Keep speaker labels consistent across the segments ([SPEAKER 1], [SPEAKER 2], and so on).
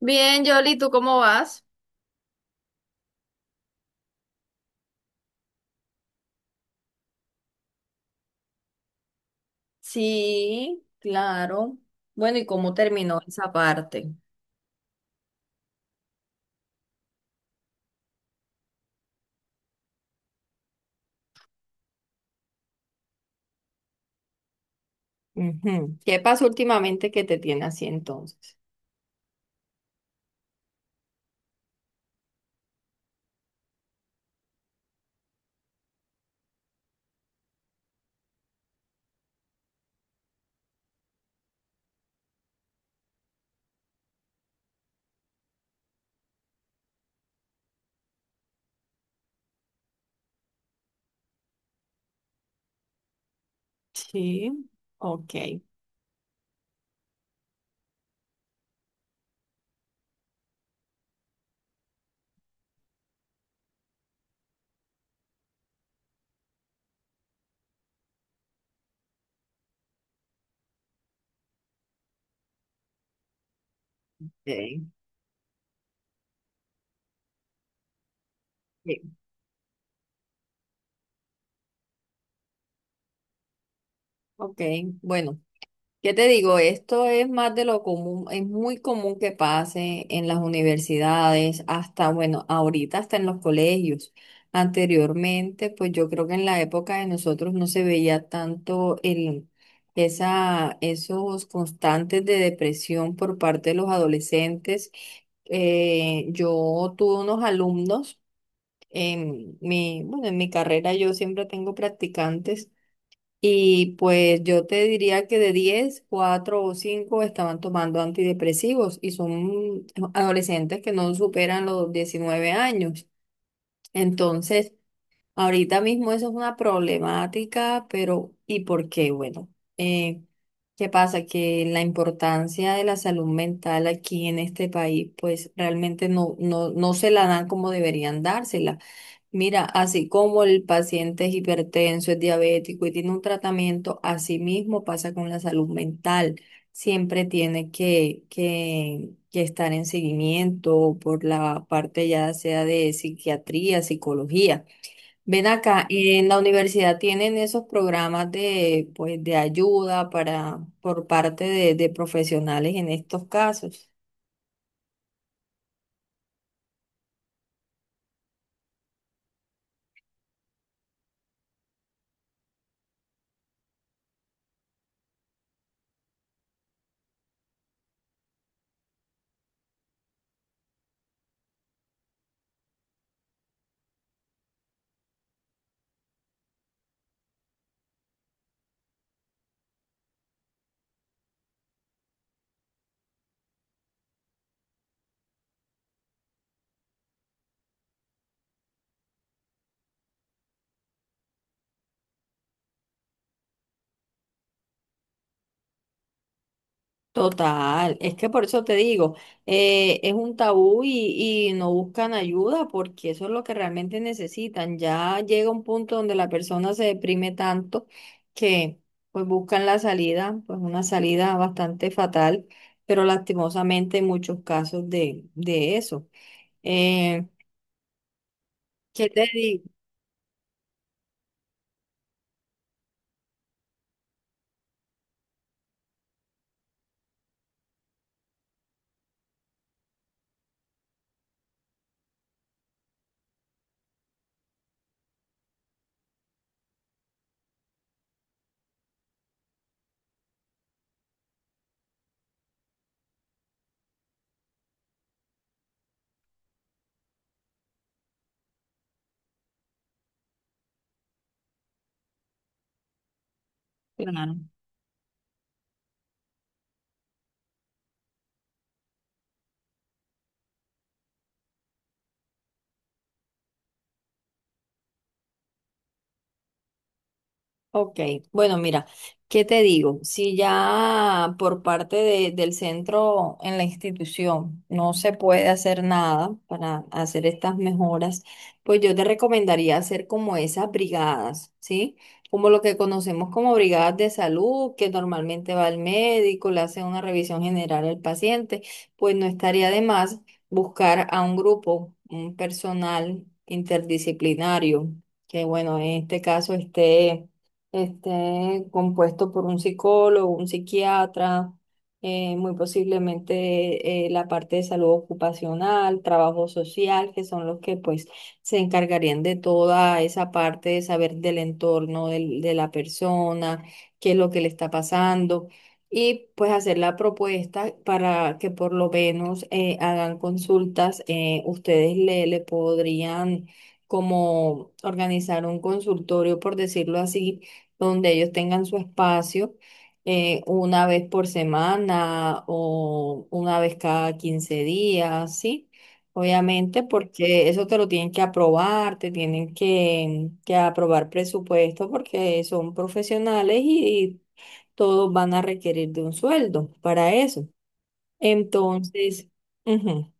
[SPEAKER 1] Bien, Yoli, ¿tú cómo vas? Sí, claro. Bueno, ¿y cómo terminó esa parte? Ujú. ¿Qué pasó últimamente que te tiene así entonces? Sí, ok. Ok, sí, ok, bueno. ¿Qué te digo? Esto es más de lo común, es muy común que pase en las universidades, hasta, bueno, ahorita hasta en los colegios. Anteriormente, pues yo creo que en la época de nosotros no se veía tanto esos constantes de depresión por parte de los adolescentes. Yo tuve unos alumnos en mi, bueno, en mi carrera yo siempre tengo practicantes. Y pues yo te diría que de 10 4 o 5 estaban tomando antidepresivos y son adolescentes que no superan los 19 años. Entonces, ahorita mismo eso es una problemática, pero ¿y por qué? Bueno, eh, ¿qué pasa? Que la importancia de la salud mental aquí en este país, pues realmente no se la dan como deberían dársela. Mira, así como el paciente es hipertenso, es diabético y tiene un tratamiento, así mismo pasa con la salud mental. Siempre tiene que estar en seguimiento por la parte ya sea de psiquiatría, psicología. Ven acá, en la universidad tienen esos programas de, pues, de ayuda para, por parte de profesionales en estos casos. Total, es que por eso te digo, es un tabú y no buscan ayuda porque eso es lo que realmente necesitan. Ya llega un punto donde la persona se deprime tanto que pues buscan la salida, pues una salida bastante fatal, pero lastimosamente hay muchos casos de eso. Eh, ¿Qué te digo? Ok, bueno, mira, ¿qué te digo? Si ya por parte de- del centro en la institución no se puede hacer nada para hacer estas mejoras, pues yo te recomendaría hacer como esas brigadas, ¿sí? Como lo que conocemos como brigadas de salud, que normalmente va el médico, le hace una revisión general al paciente, pues no estaría de más buscar a un grupo, un personal interdisciplinario, que bueno, en este caso esté compuesto por un psicólogo, un psiquiatra, muy posiblemente la parte de salud ocupacional, trabajo social, que son los que pues se encargarían de toda esa parte de saber del entorno del- de la persona, qué es lo que le está pasando. Y pues hacer la propuesta para que por lo menos hagan consultas. Ustedes le, le podrían como organizar un consultorio, por decirlo así, donde ellos tengan su espacio una vez por semana o una vez cada 15 días, ¿sí? Obviamente, porque eso te lo tienen que aprobar, te tienen que aprobar presupuesto porque son profesionales y todos van a requerir de un sueldo para eso. Entonces, ujú.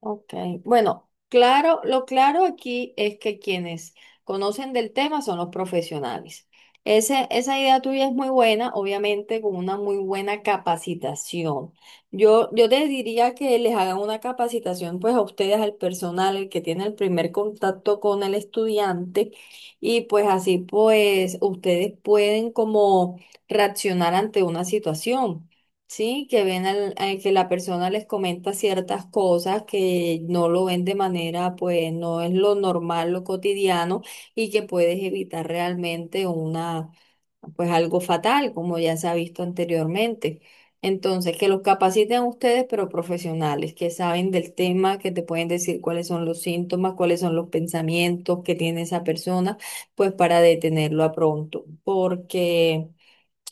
[SPEAKER 1] Ok, bueno, claro, lo claro aquí es que quienes conocen del tema son los profesionales. Esa idea tuya es muy buena, obviamente con una muy buena capacitación. Yo te diría que les hagan una capacitación pues a ustedes, al personal, el que tiene el primer contacto con el estudiante y pues así pues ustedes pueden como reaccionar ante una situación. Sí, que ven al, a que la persona les comenta ciertas cosas que no lo ven de manera, pues no es lo normal, lo cotidiano, y que puedes evitar realmente una, pues algo fatal, como ya se ha visto anteriormente. Entonces, que los capaciten a ustedes, pero profesionales, que saben del tema, que te pueden decir cuáles son los síntomas, cuáles son los pensamientos que tiene esa persona, pues para detenerlo a pronto, porque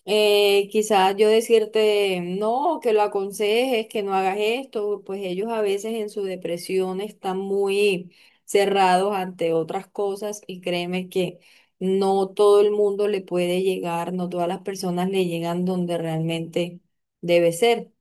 [SPEAKER 1] quizás yo decirte, no, que lo aconsejes, que no hagas esto, pues ellos a veces en su depresión están muy cerrados ante otras cosas y créeme que no todo el mundo le puede llegar, no todas las personas le llegan donde realmente debe ser.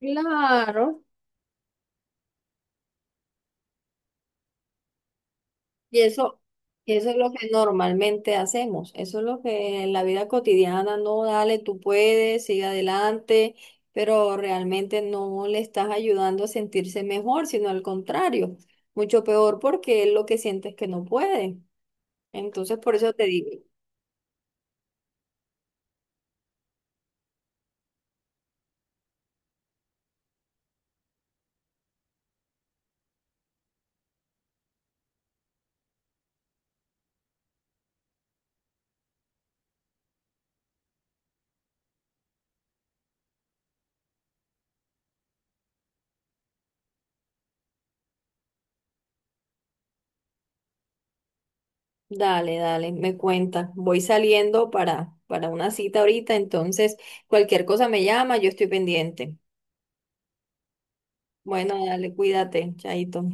[SPEAKER 1] Claro. Y eso, y eso es lo que normalmente hacemos, eso es lo que en la vida cotidiana, no, dale, tú puedes, sigue adelante, pero realmente no le estás ayudando a sentirse mejor, sino al contrario, mucho peor porque él lo que siente es que no puede. Entonces, por eso te digo, dale, dale, me cuenta, voy saliendo para una cita ahorita, entonces cualquier cosa me llama, yo estoy pendiente. Bueno, dale, cuídate, chaito.